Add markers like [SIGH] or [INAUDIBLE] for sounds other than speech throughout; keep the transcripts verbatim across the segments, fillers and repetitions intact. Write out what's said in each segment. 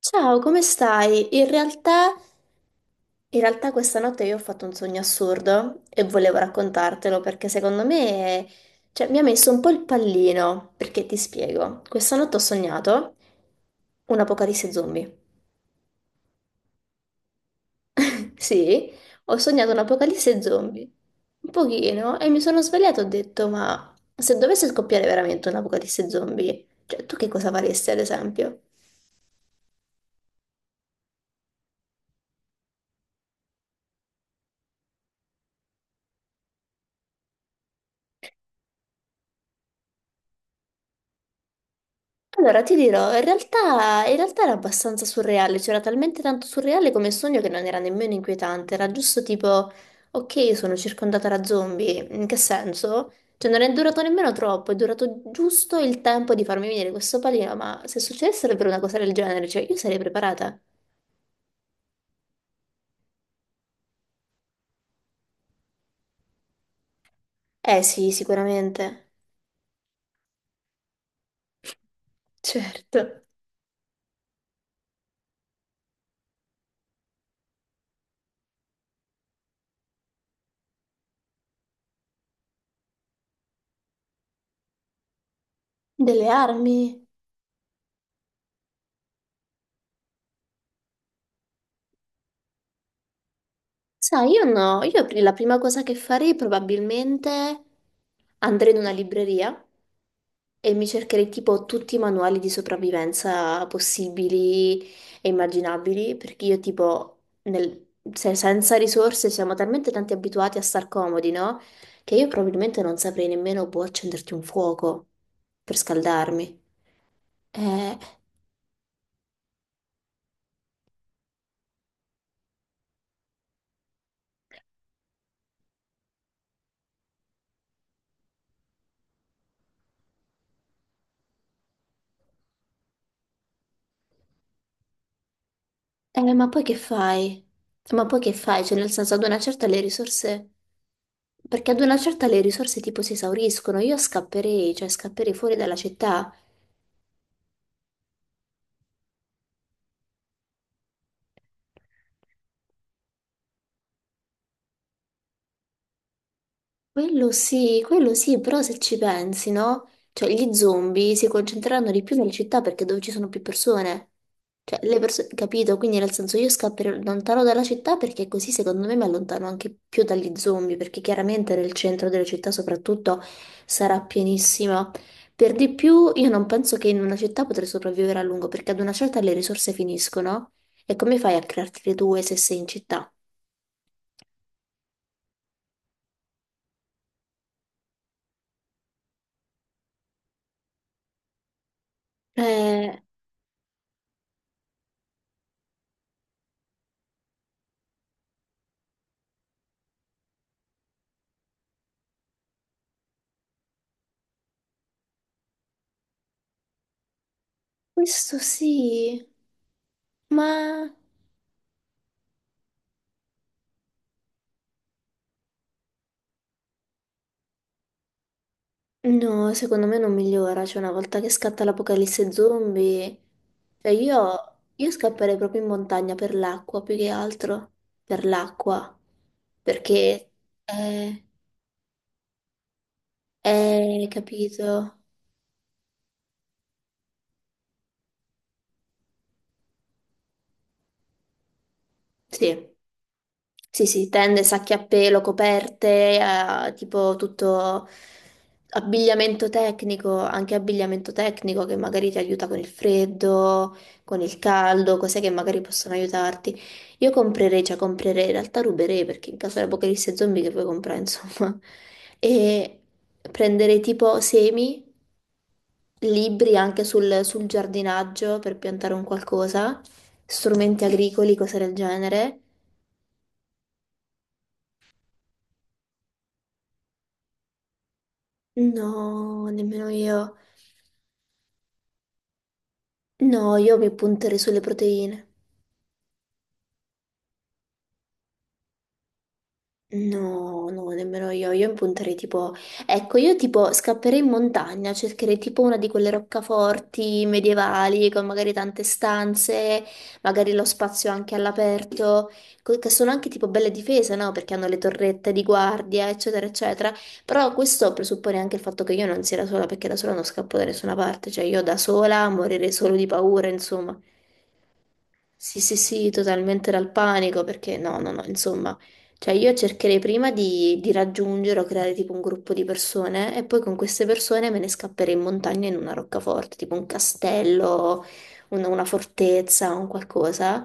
Ciao, come stai? In realtà, in realtà questa notte io ho fatto un sogno assurdo e volevo raccontartelo perché secondo me, cioè, mi ha messo un po' il pallino, perché ti spiego. Questa notte ho sognato un'apocalisse zombie. [LAUGHS] Sì, ho sognato un'apocalisse zombie. Un pochino, e mi sono svegliata e ho detto, ma se dovesse scoppiare veramente un'apocalisse zombie, cioè, tu che cosa faresti ad esempio? Allora, ti dirò, in realtà, in realtà era abbastanza surreale, c'era talmente tanto surreale come sogno che non era nemmeno inquietante, era giusto tipo, ok, sono circondata da zombie, in che senso? Cioè non è durato nemmeno troppo, è durato giusto il tempo di farmi venire questo pallino, ma se succedesse davvero una cosa del genere, cioè io sarei preparata. Eh sì, sicuramente, certo. Delle armi? Sai, io no, io la prima cosa che farei probabilmente andrei in una libreria. E mi cercherei tipo tutti i manuali di sopravvivenza possibili e immaginabili, perché io tipo, nel- se- senza risorse siamo talmente tanti abituati a star comodi, no? Che io probabilmente non saprei nemmeno boh, accenderti un fuoco per scaldarmi. Eh, eh, ma poi che fai? Ma poi che fai? Cioè, nel senso, ad una certa le risorse... Perché ad una certa le risorse tipo si esauriscono, io scapperei, cioè scapperei fuori dalla città. Quello sì, quello sì, però se ci pensi, no? Cioè, gli zombie si concentreranno di più nelle città perché è dove ci sono più persone. Cioè, le persone, capito? Quindi nel senso io scapperò lontano dalla città perché così secondo me mi allontano anche più dagli zombie, perché chiaramente nel centro delle città soprattutto sarà pienissima. Per di più, io non penso che in una città potrei sopravvivere a lungo, perché ad una certa le risorse finiscono. E come fai a crearti le tue se sei in città? Eh, questo sì, ma no, secondo me non migliora, cioè una volta che scatta l'apocalisse zombie, cioè io, io scapperei proprio in montagna per l'acqua, più che altro, per l'acqua, perché è, è, capito? Sì, sì, sì, tende, sacchi a pelo, coperte, eh, tipo tutto abbigliamento tecnico, anche abbigliamento tecnico che magari ti aiuta con il freddo, con il caldo, cose che magari possono aiutarti. Io comprerei, cioè comprerei, in realtà ruberei perché in caso di apocalisse zombie che puoi comprare, insomma. [LAUGHS] E prenderei tipo semi, libri anche sul, sul giardinaggio per piantare un qualcosa, strumenti agricoli, cose del genere. No, nemmeno io. No, io mi punterei sulle proteine. No, no, nemmeno io. Io mi punterei tipo... Ecco, io tipo scapperei in montagna, cercherei tipo una di quelle roccaforti medievali con magari tante stanze, magari lo spazio anche all'aperto, co- che sono anche tipo belle difese, no? Perché hanno le torrette di guardia, eccetera, eccetera. Però questo presuppone anche il fatto che io non sia da sola, perché da sola non scappo da nessuna parte. Cioè, io da sola morirei solo di paura, insomma. Sì, sì, sì, totalmente dal panico, perché no, no, no, insomma, cioè io cercherei prima di, di raggiungere o creare tipo un gruppo di persone e poi con queste persone me ne scapperei in montagna in una roccaforte, tipo un castello, un- una fortezza, un qualcosa.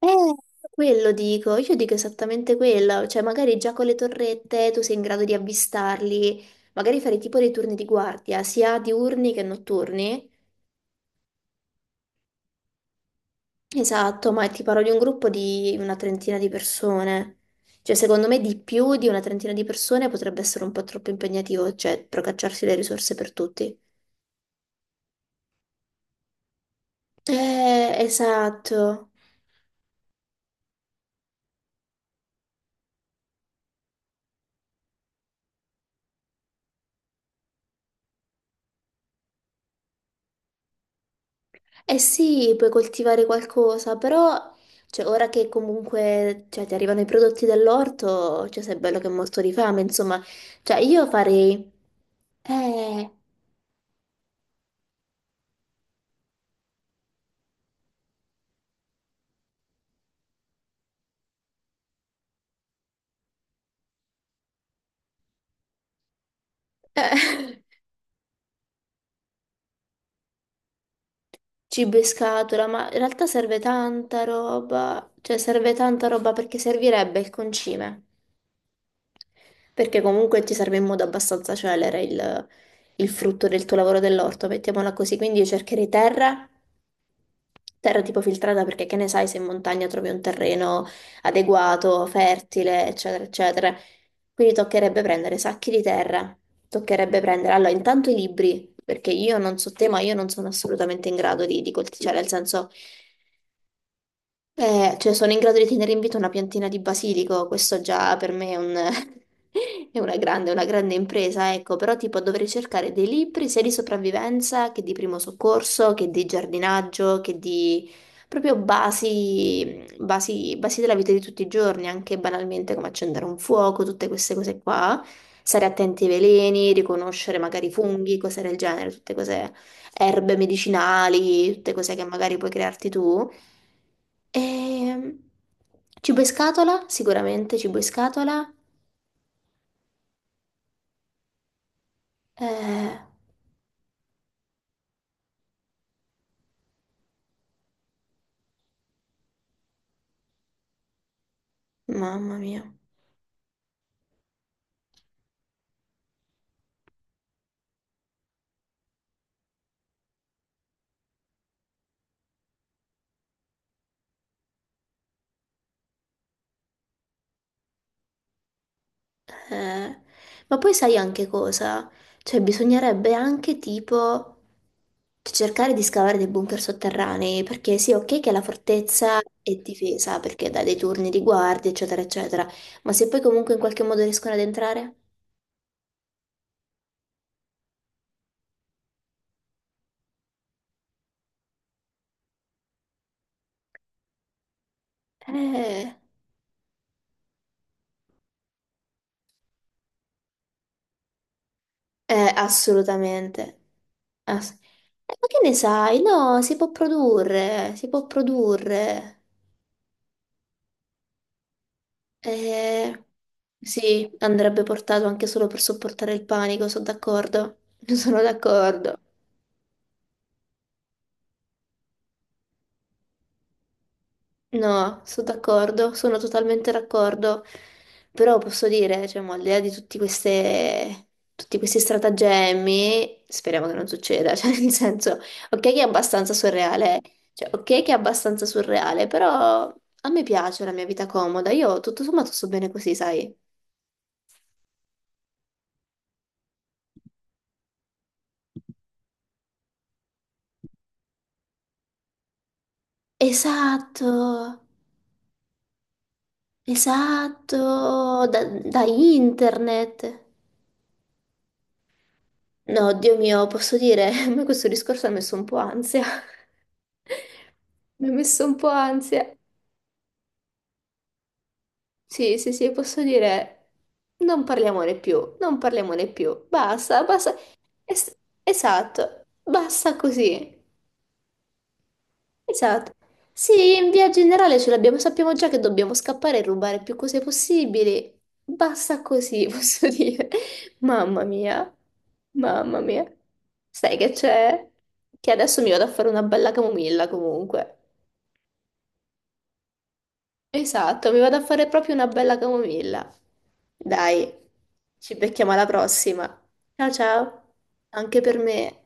Eh, Quello dico, io dico esattamente quello, cioè magari già con le torrette tu sei in grado di avvistarli, magari fare tipo dei turni di guardia, sia diurni che notturni. Esatto, ma ti parlo di un gruppo di una trentina di persone. Cioè, secondo me di più di una trentina di persone potrebbe essere un po' troppo impegnativo, cioè procacciarsi le risorse per tutti. Eh, esatto. Eh sì, puoi coltivare qualcosa, però cioè, ora che comunque cioè, ti arrivano i prodotti dall'orto, cioè, sei bello che è molto di fame, insomma. Cioè, io farei... Eh... eh. [LAUGHS] Cibo in scatola, ma in realtà serve tanta roba, cioè serve tanta roba perché servirebbe il concime, perché comunque ti serve in modo abbastanza celere il, il frutto del tuo lavoro dell'orto, mettiamola così, quindi io cercherei terra, terra tipo filtrata perché che ne sai se in montagna trovi un terreno adeguato, fertile, eccetera, eccetera. Quindi toccherebbe prendere sacchi di terra, toccherebbe prendere, allora intanto i libri, perché io non so te, ma io non sono assolutamente in grado di, di coltivare, cioè nel senso... Eh, cioè sono in grado di tenere in vita una piantina di basilico, questo già per me è un- [LAUGHS] è una grande, una grande impresa, ecco, però tipo dovrei cercare dei libri sia di sopravvivenza che di primo soccorso, che di giardinaggio, che di proprio basi, basi, basi della vita di tutti i giorni, anche banalmente come accendere un fuoco, tutte queste cose qua, stare attenti ai veleni, riconoscere magari i funghi, cose del genere, tutte cose erbe medicinali, tutte cose che magari puoi crearti tu. E... Cibo in scatola, sicuramente cibo in scatola. Eh, mamma mia. Eh, ma poi sai anche cosa? Cioè, bisognerebbe anche tipo cercare di scavare dei bunker sotterranei, perché sì, ok che la fortezza è difesa, perché dà dei turni di guardia, eccetera, eccetera, ma se poi comunque in qualche modo riescono ad entrare? Eh... Eh, assolutamente. Ass- Eh, ma che ne sai? No, si può produrre, si può produrre. Eh, sì, andrebbe portato anche solo per sopportare il panico, sono d'accordo. [LAUGHS] Sono d'accordo. No, sono d'accordo, sono totalmente d'accordo, però posso dire, cioè, mo, al di là di tutti queste, tutti questi stratagemmi, speriamo che non succeda, [LAUGHS] cioè, nel senso, ok che è abbastanza surreale, cioè, ok che è abbastanza surreale, però a me piace la mia vita comoda, io tutto sommato sto bene così, sai? Esatto, esatto, da, da internet. No, Dio mio, posso dire, [LAUGHS] a me questo discorso ha messo un po' ansia. Mi ha messo un po' ansia. Sì, sì, sì, posso dire, non parliamone più, non parliamone più, basta, basta. Es- esatto, basta così. Esatto. Sì, in via generale ce l'abbiamo, sappiamo già che dobbiamo scappare e rubare più cose possibili. Basta così, [LAUGHS] posso dire. Mamma mia, mamma mia. Sai che c'è? Che adesso mi vado a fare una bella camomilla comunque. Esatto, mi vado a fare proprio una bella camomilla. Dai, ci becchiamo alla prossima. Ciao ciao, anche per me.